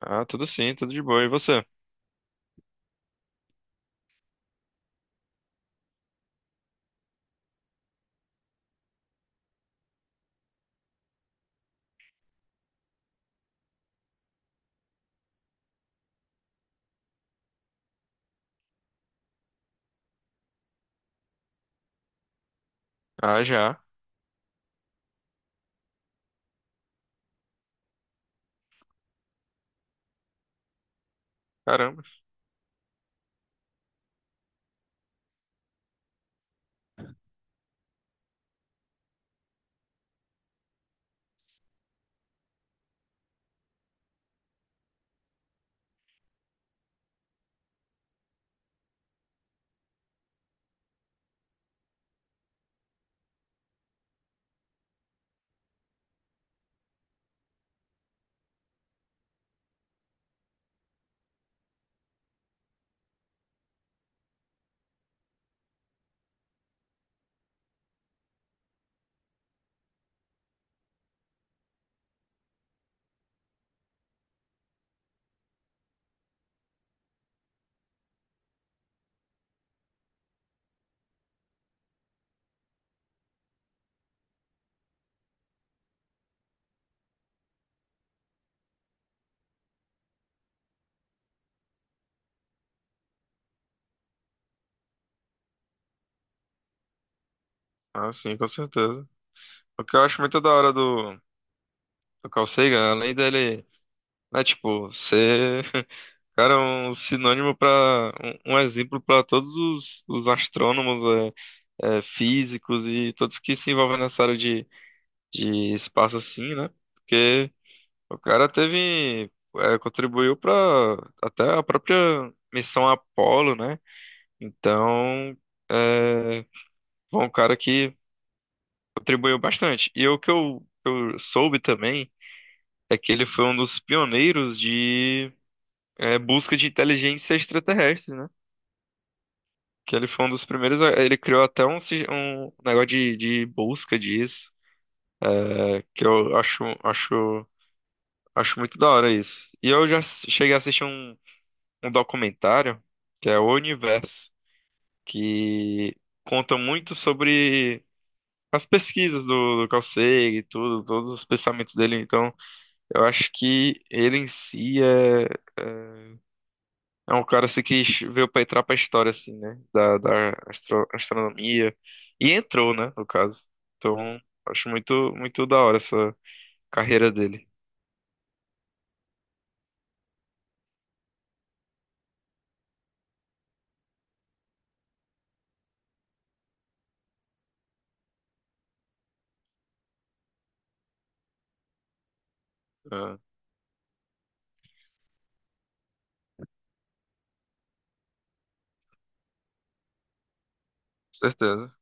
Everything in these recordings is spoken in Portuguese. Ah, tudo sim, tudo de boa. E você? Ah, já. Caramba. Ah, sim, com certeza. O que eu acho muito da hora do, Carl Sagan, além dele, né, tipo, ser, cara, é um sinônimo para um, exemplo para todos os astrônomos, físicos e todos que se envolvem nessa área de espaço assim, né? Porque o cara teve, contribuiu para até a própria missão Apollo, né? Então, é, foi um cara que contribuiu bastante. E o que eu soube também é que ele foi um dos pioneiros de busca de inteligência extraterrestre, né? Que ele foi um dos primeiros. Ele criou até um, um negócio de, busca disso, que eu acho muito da hora isso. E eu já cheguei a assistir um, documentário, que é O Universo, que conta muito sobre as pesquisas do Carl Sagan e tudo, todos os pensamentos dele. Então. Eu acho que ele em si é, é é um cara assim, que veio pra entrar pra história, assim, né? Da, da astronomia. E entrou, né? No caso. Então, acho muito, muito da hora essa carreira dele. É, com certeza.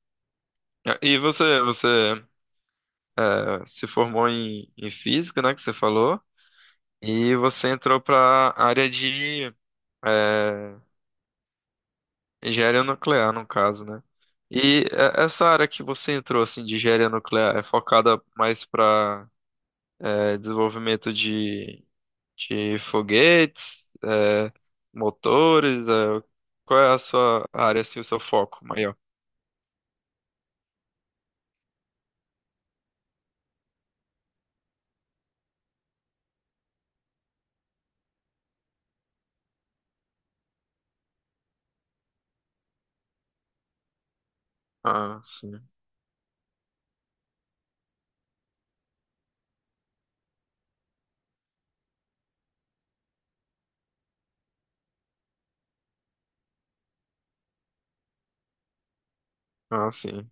E você, se formou em física, né? Que você falou. E você entrou pra área de engenharia nuclear, no caso, né? E essa área que você entrou, assim, de engenharia nuclear, é focada mais para desenvolvimento de foguetes, motores? Qual é a sua área, assim, o seu foco maior? Ah, sim. Ah, sim.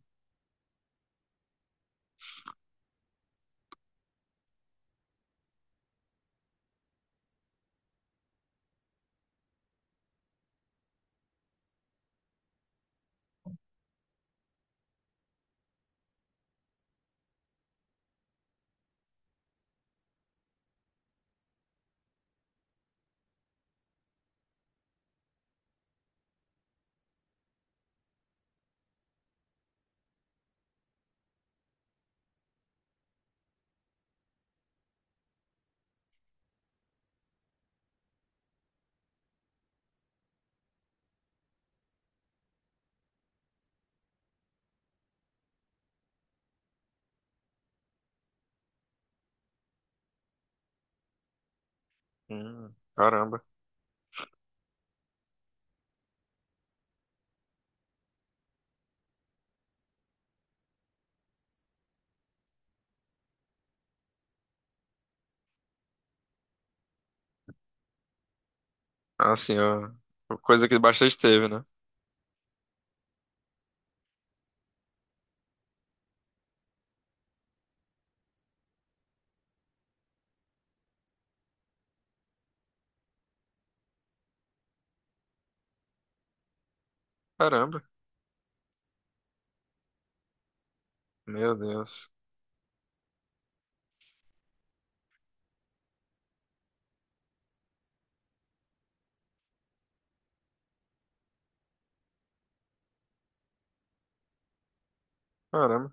Caramba. Ah, sim, ó. Coisa que bastante teve, né? Caramba. Meu Deus. Caramba.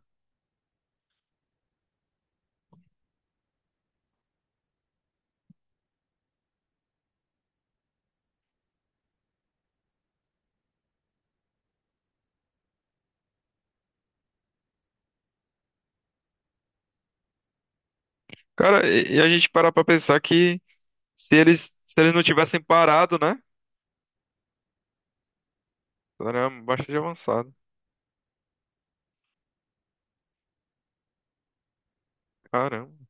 Cara, e a gente parar pra pensar que se eles não tivessem parado, né? Caramba, bastante avançado. Caramba.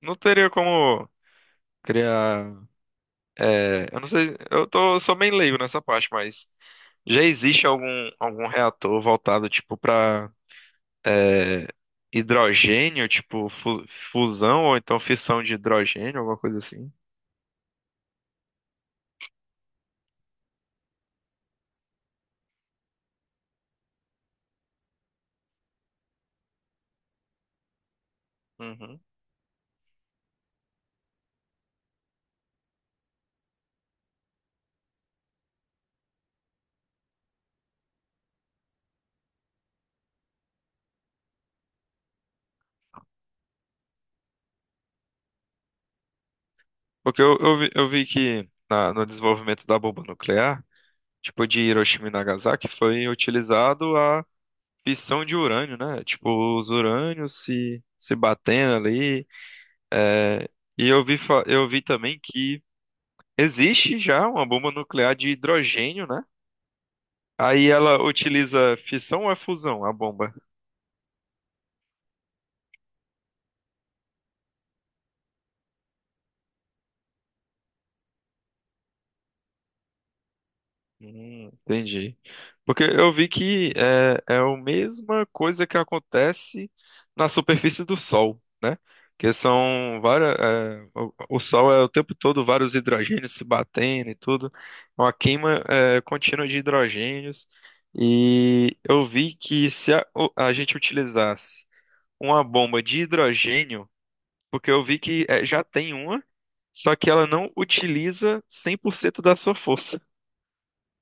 Não teria como criar. Eu não sei, eu sou bem leigo nessa parte, mas já existe algum reator voltado, tipo, pra é, hidrogênio, tipo, fusão ou então fissão de hidrogênio, alguma coisa assim? Uhum. Porque eu vi que no desenvolvimento da bomba nuclear, tipo, de Hiroshima e Nagasaki, foi utilizado a fissão de urânio, né? Tipo, os urânios se batendo ali. É, e eu vi também que existe já uma bomba nuclear de hidrogênio, né? Aí ela utiliza fissão ou é fusão, a bomba? Entendi. Porque eu vi que é a mesma coisa que acontece na superfície do Sol, né? Que são várias. O Sol é o tempo todo vários hidrogênios se batendo e tudo. É uma queima contínua de hidrogênios. E eu vi que se a gente utilizasse uma bomba de hidrogênio, porque eu vi que já tem uma, só que ela não utiliza 100% da sua força,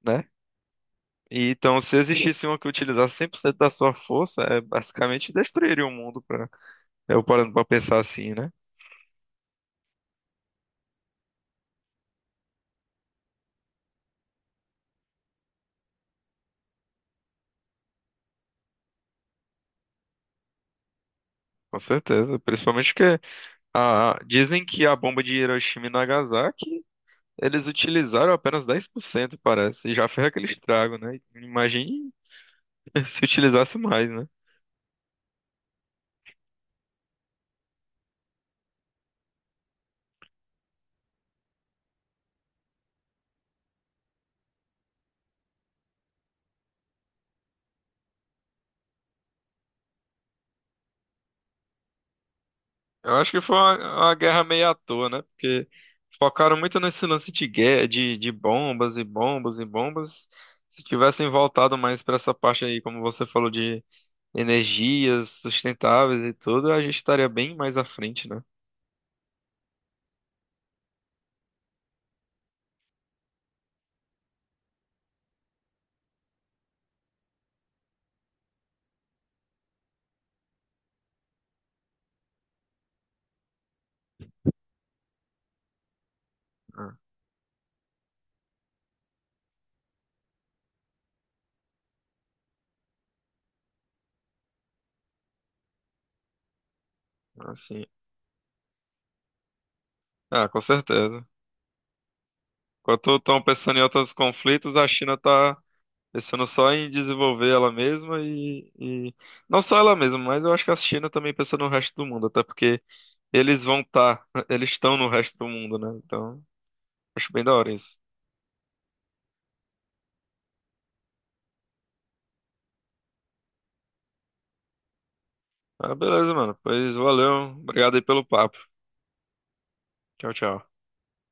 né? E, então, se existisse uma que utilizasse 100% da sua força, basicamente destruiria o mundo, pra, né, eu parando pra pensar assim, né? Com certeza, principalmente porque dizem que a bomba de Hiroshima e Nagasaki, eles utilizaram apenas 10%, parece, e já fez aquele estrago, né? Imagine se utilizasse mais, né? Eu acho que foi uma, guerra meio à toa, né? Porque focaram muito nesse lance de guerra, de bombas e bombas e bombas. Se tivessem voltado mais para essa parte aí, como você falou, de energias sustentáveis e tudo, a gente estaria bem mais à frente, né? Ah, assim, ah, com certeza. Enquanto estão pensando em outros conflitos, a China tá pensando só em desenvolver ela mesma. Não só ela mesma, mas eu acho que a China também pensa no resto do mundo, até porque eles vão estar, eles estão no resto do mundo, né? Então, acho bem da hora isso. Ah, beleza, mano. Pois valeu. Obrigado aí pelo papo. Tchau, tchau.